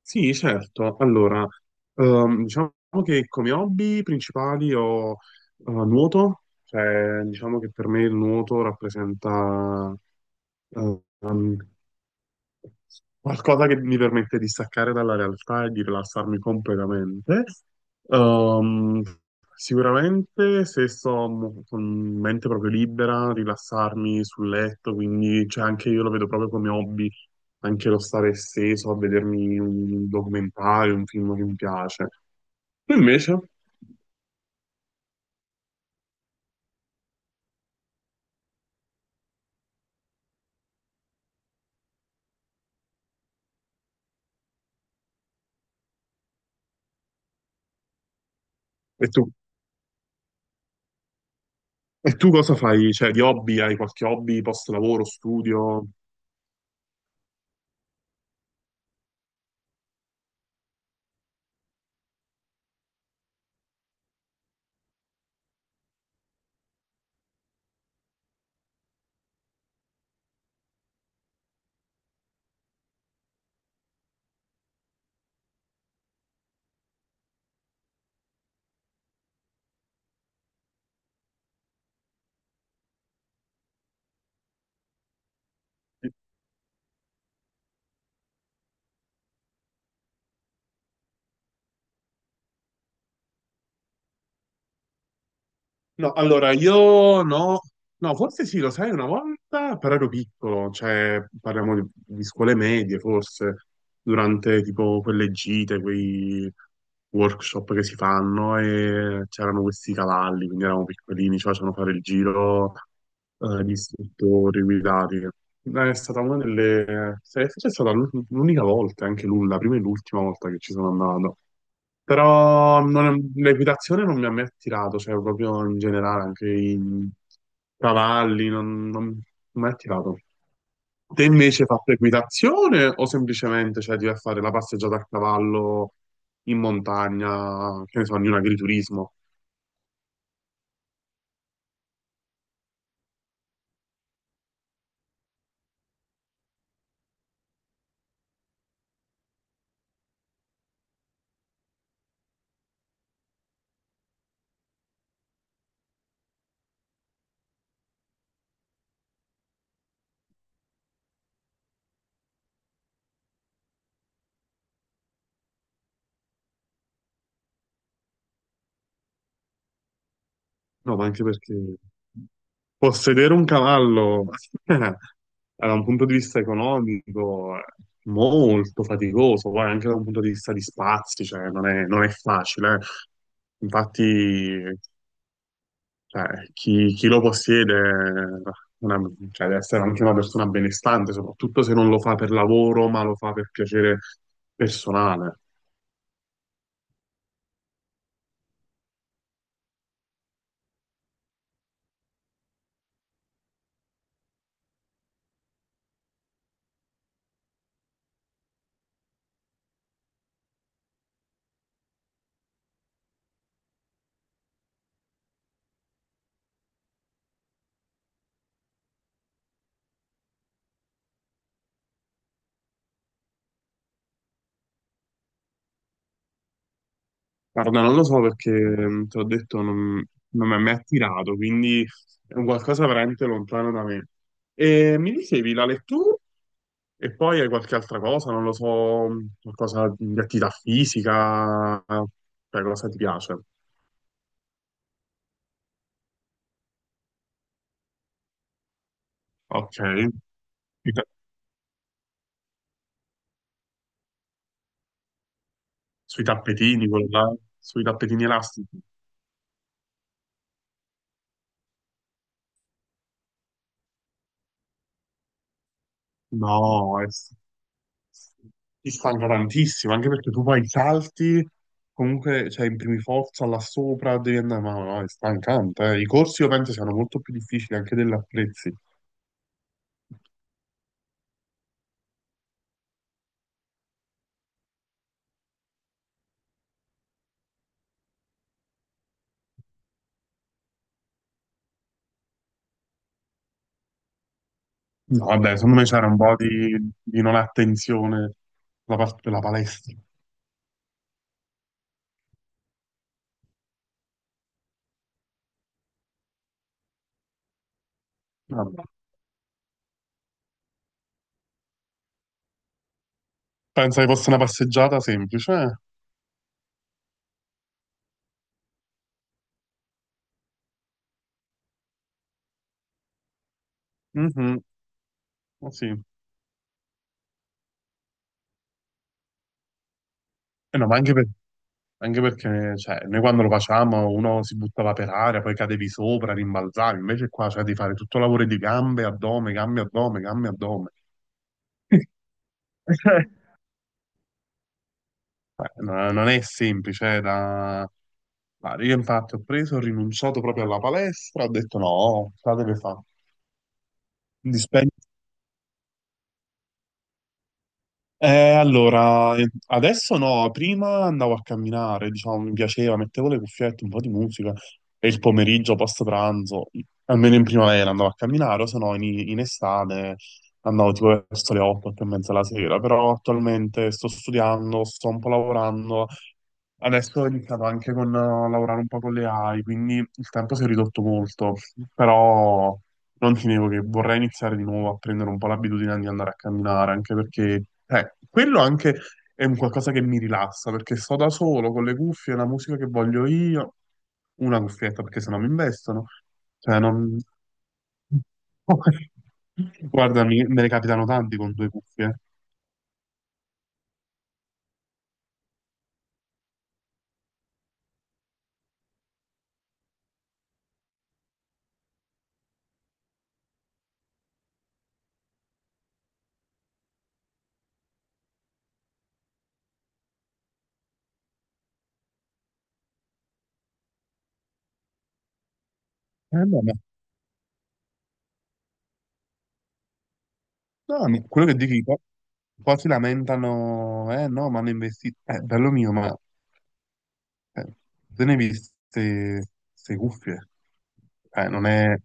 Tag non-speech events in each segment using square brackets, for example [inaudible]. Sì, certo. Allora, diciamo che come hobby principali ho nuoto, cioè diciamo che per me il nuoto rappresenta eh, qualcosa che mi permette di staccare dalla realtà e di rilassarmi completamente. Ehm, Sicuramente se sto con mente proprio libera, rilassarmi sul letto, quindi cioè, anche io lo vedo proprio come hobby, anche lo stare steso a vedermi un documentario, un film che mi piace. Tu invece? E tu? E tu cosa fai? Cioè, di hobby? Hai qualche hobby post lavoro, studio? No, allora io no, no, forse sì, lo sai, una volta, però ero piccolo, cioè parliamo di scuole medie, forse, durante tipo quelle gite, quei workshop che si fanno e c'erano questi cavalli, quindi eravamo piccolini, ci facevano fare il giro gli istruttori guidati. È stata una delle... forse è stata l'unica volta, anche la prima e l'ultima volta che ci sono andato. Però l'equitazione non mi ha mai attirato, cioè proprio in generale, anche i cavalli, non mi ha mai attirato. Te invece hai fatto equitazione o semplicemente cioè, ti vai a fare la passeggiata a cavallo in montagna, che ne so, in un agriturismo? No, ma anche perché possedere un cavallo [laughs] da un punto di vista economico è molto faticoso, poi anche da un punto di vista di spazi, cioè non è facile. Infatti, cioè, chi lo possiede è una- cioè, deve essere anche una persona benestante, soprattutto se non lo fa per lavoro, ma lo fa per piacere personale. Guarda, non lo so perché, te l'ho detto, non mi ha mai attirato, quindi è un qualcosa veramente lontano da me. E mi dicevi la lettura e poi hai qualche altra cosa, non lo so, qualcosa di attività fisica, cioè cosa ti piace? Ok, sui ta- sui tappetini, quello là, sui tappetini elastici. No, ti stanca tantissimo, anche perché tu fai i salti, comunque cioè, imprimi forza là sopra, devi andare, ma no, è stancante. I corsi io penso siano molto più difficili anche degli attrezzi. No, vabbè, secondo me c'era un po' di non attenzione da parte della palestra. Vabbè. Penso che fosse una passeggiata semplice. Mhm, oh sì. Eh no, ma anche, anche perché cioè, noi quando lo facciamo uno si buttava per aria, poi cadevi sopra, rimbalzavi, invece qua cioè, devi fare tutto il lavoro di gambe, addome, gambe, addome, gambe, addome. Eh, No, non è semplice, ma io infatti ho rinunciato proprio alla palestra, ho detto no, la deve fare. Mi dispen- allora, adesso no, prima andavo a camminare, diciamo, mi piaceva, mettevo le cuffiette, un po' di musica e il pomeriggio, post pranzo, almeno in primavera andavo a camminare, o se no in estate andavo tipo verso le 8, 8 e mezza la sera, però attualmente sto studiando, sto un po' lavorando. Adesso ho iniziato anche con lavorare un po' con le AI, quindi il tempo si è ridotto molto, però non ti nego che vorrei iniziare di nuovo a prendere un po' l'abitudine di andare a camminare, anche perché quello anche è un qualcosa che mi rilassa, perché sto da solo con le cuffie, la musica che voglio io, una cuffietta perché sennò mi investono, cioè non. [laughs] Guarda, me ne capitano tanti con due cuffie. No, ma. No, quello che dici, qua si lamentano, eh no, ma hanno investito, bello mio, ma eh, te ne hai viste queste cuffie? Non è, ma.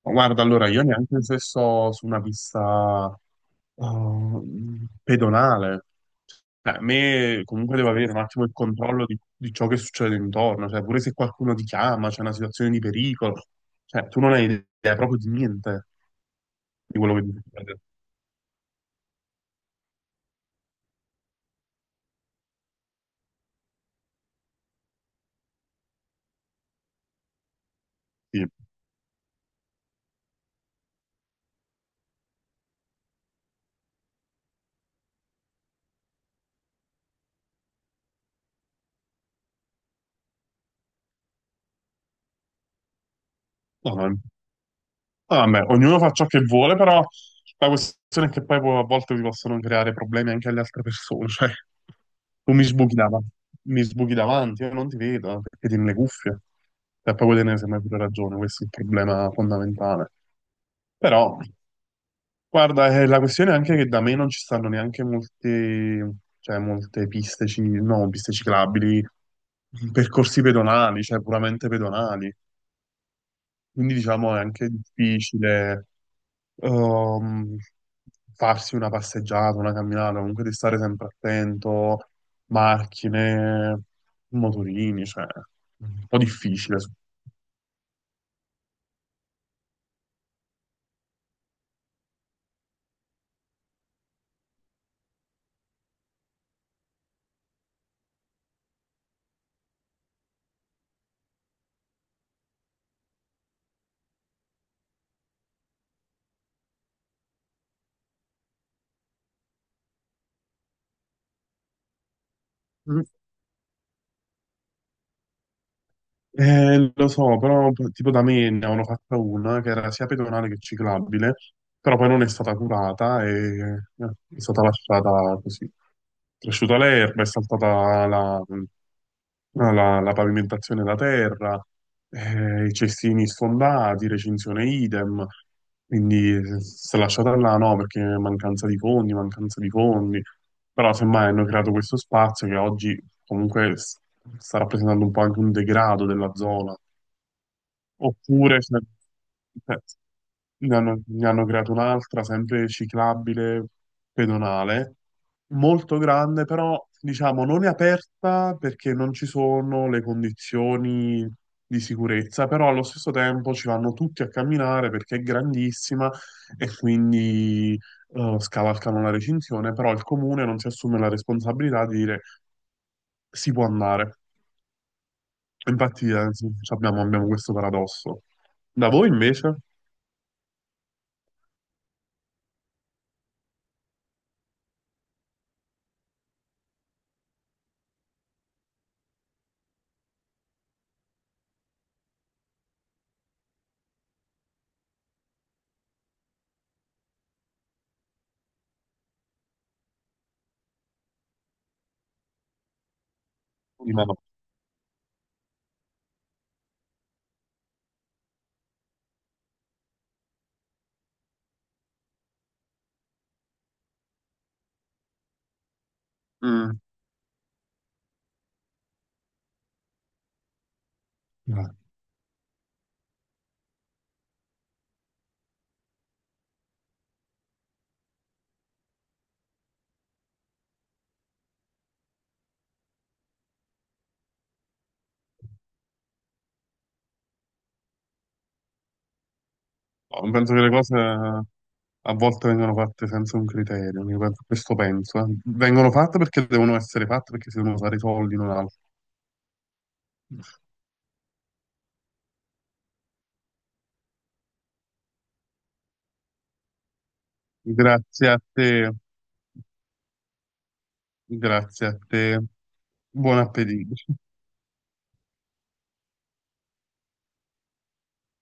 Guarda, allora, io neanche se sto su una pista pedonale, cioè, a me comunque devo avere un attimo il controllo di ciò che succede intorno, cioè pure se qualcuno ti chiama, c'è una situazione di pericolo, cioè tu non hai idea proprio di niente di quello che ti succede. Sì. No, no, vabbè, ognuno fa ciò che vuole, però la questione è che poi a volte vi possono creare problemi anche alle altre persone. [laughs] Cioè, tu mi sbuchi davanti, io non ti vedo perché tieni le cuffie. E poi te ne sembra pure ragione, questo è il problema fondamentale. Però, guarda, la questione è anche che da me non ci stanno neanche molte, cioè, molte piste, no, piste ciclabili, percorsi pedonali, cioè puramente pedonali. Quindi diciamo è anche difficile ehm, farsi una passeggiata, una camminata, comunque di stare sempre attento, macchine, motorini, cioè, un po' difficile. Mm. Lo so, però tipo da me ne hanno fatta una che era sia pedonale che ciclabile, però poi non è stata curata e è stata lasciata così. È cresciuta l'erba, è saltata la pavimentazione da terra, i cestini sfondati, recinzione idem, quindi si è lasciata là no, perché mancanza di fondi, però semmai hanno creato questo spazio che oggi comunque sta rappresentando un po' anche un degrado della zona. Oppure ce ne, eh, ne hanno creato un'altra, sempre ciclabile, pedonale, molto grande, però diciamo non è aperta perché non ci sono le condizioni di sicurezza, però allo stesso tempo ci vanno tutti a camminare perché è grandissima e quindi scavalcano la recinzione, però il comune non si assume la responsabilità di dire si può andare. Infatti, sì, abbiamo questo paradosso. Da voi invece? Prima no. Mm. No, penso che le cose a volte vengono fatte senza un criterio, questo penso. Vengono fatte perché devono essere fatte, perché si devono fare i soldi, non altro. Grazie a te, grazie a te. Buon appetito.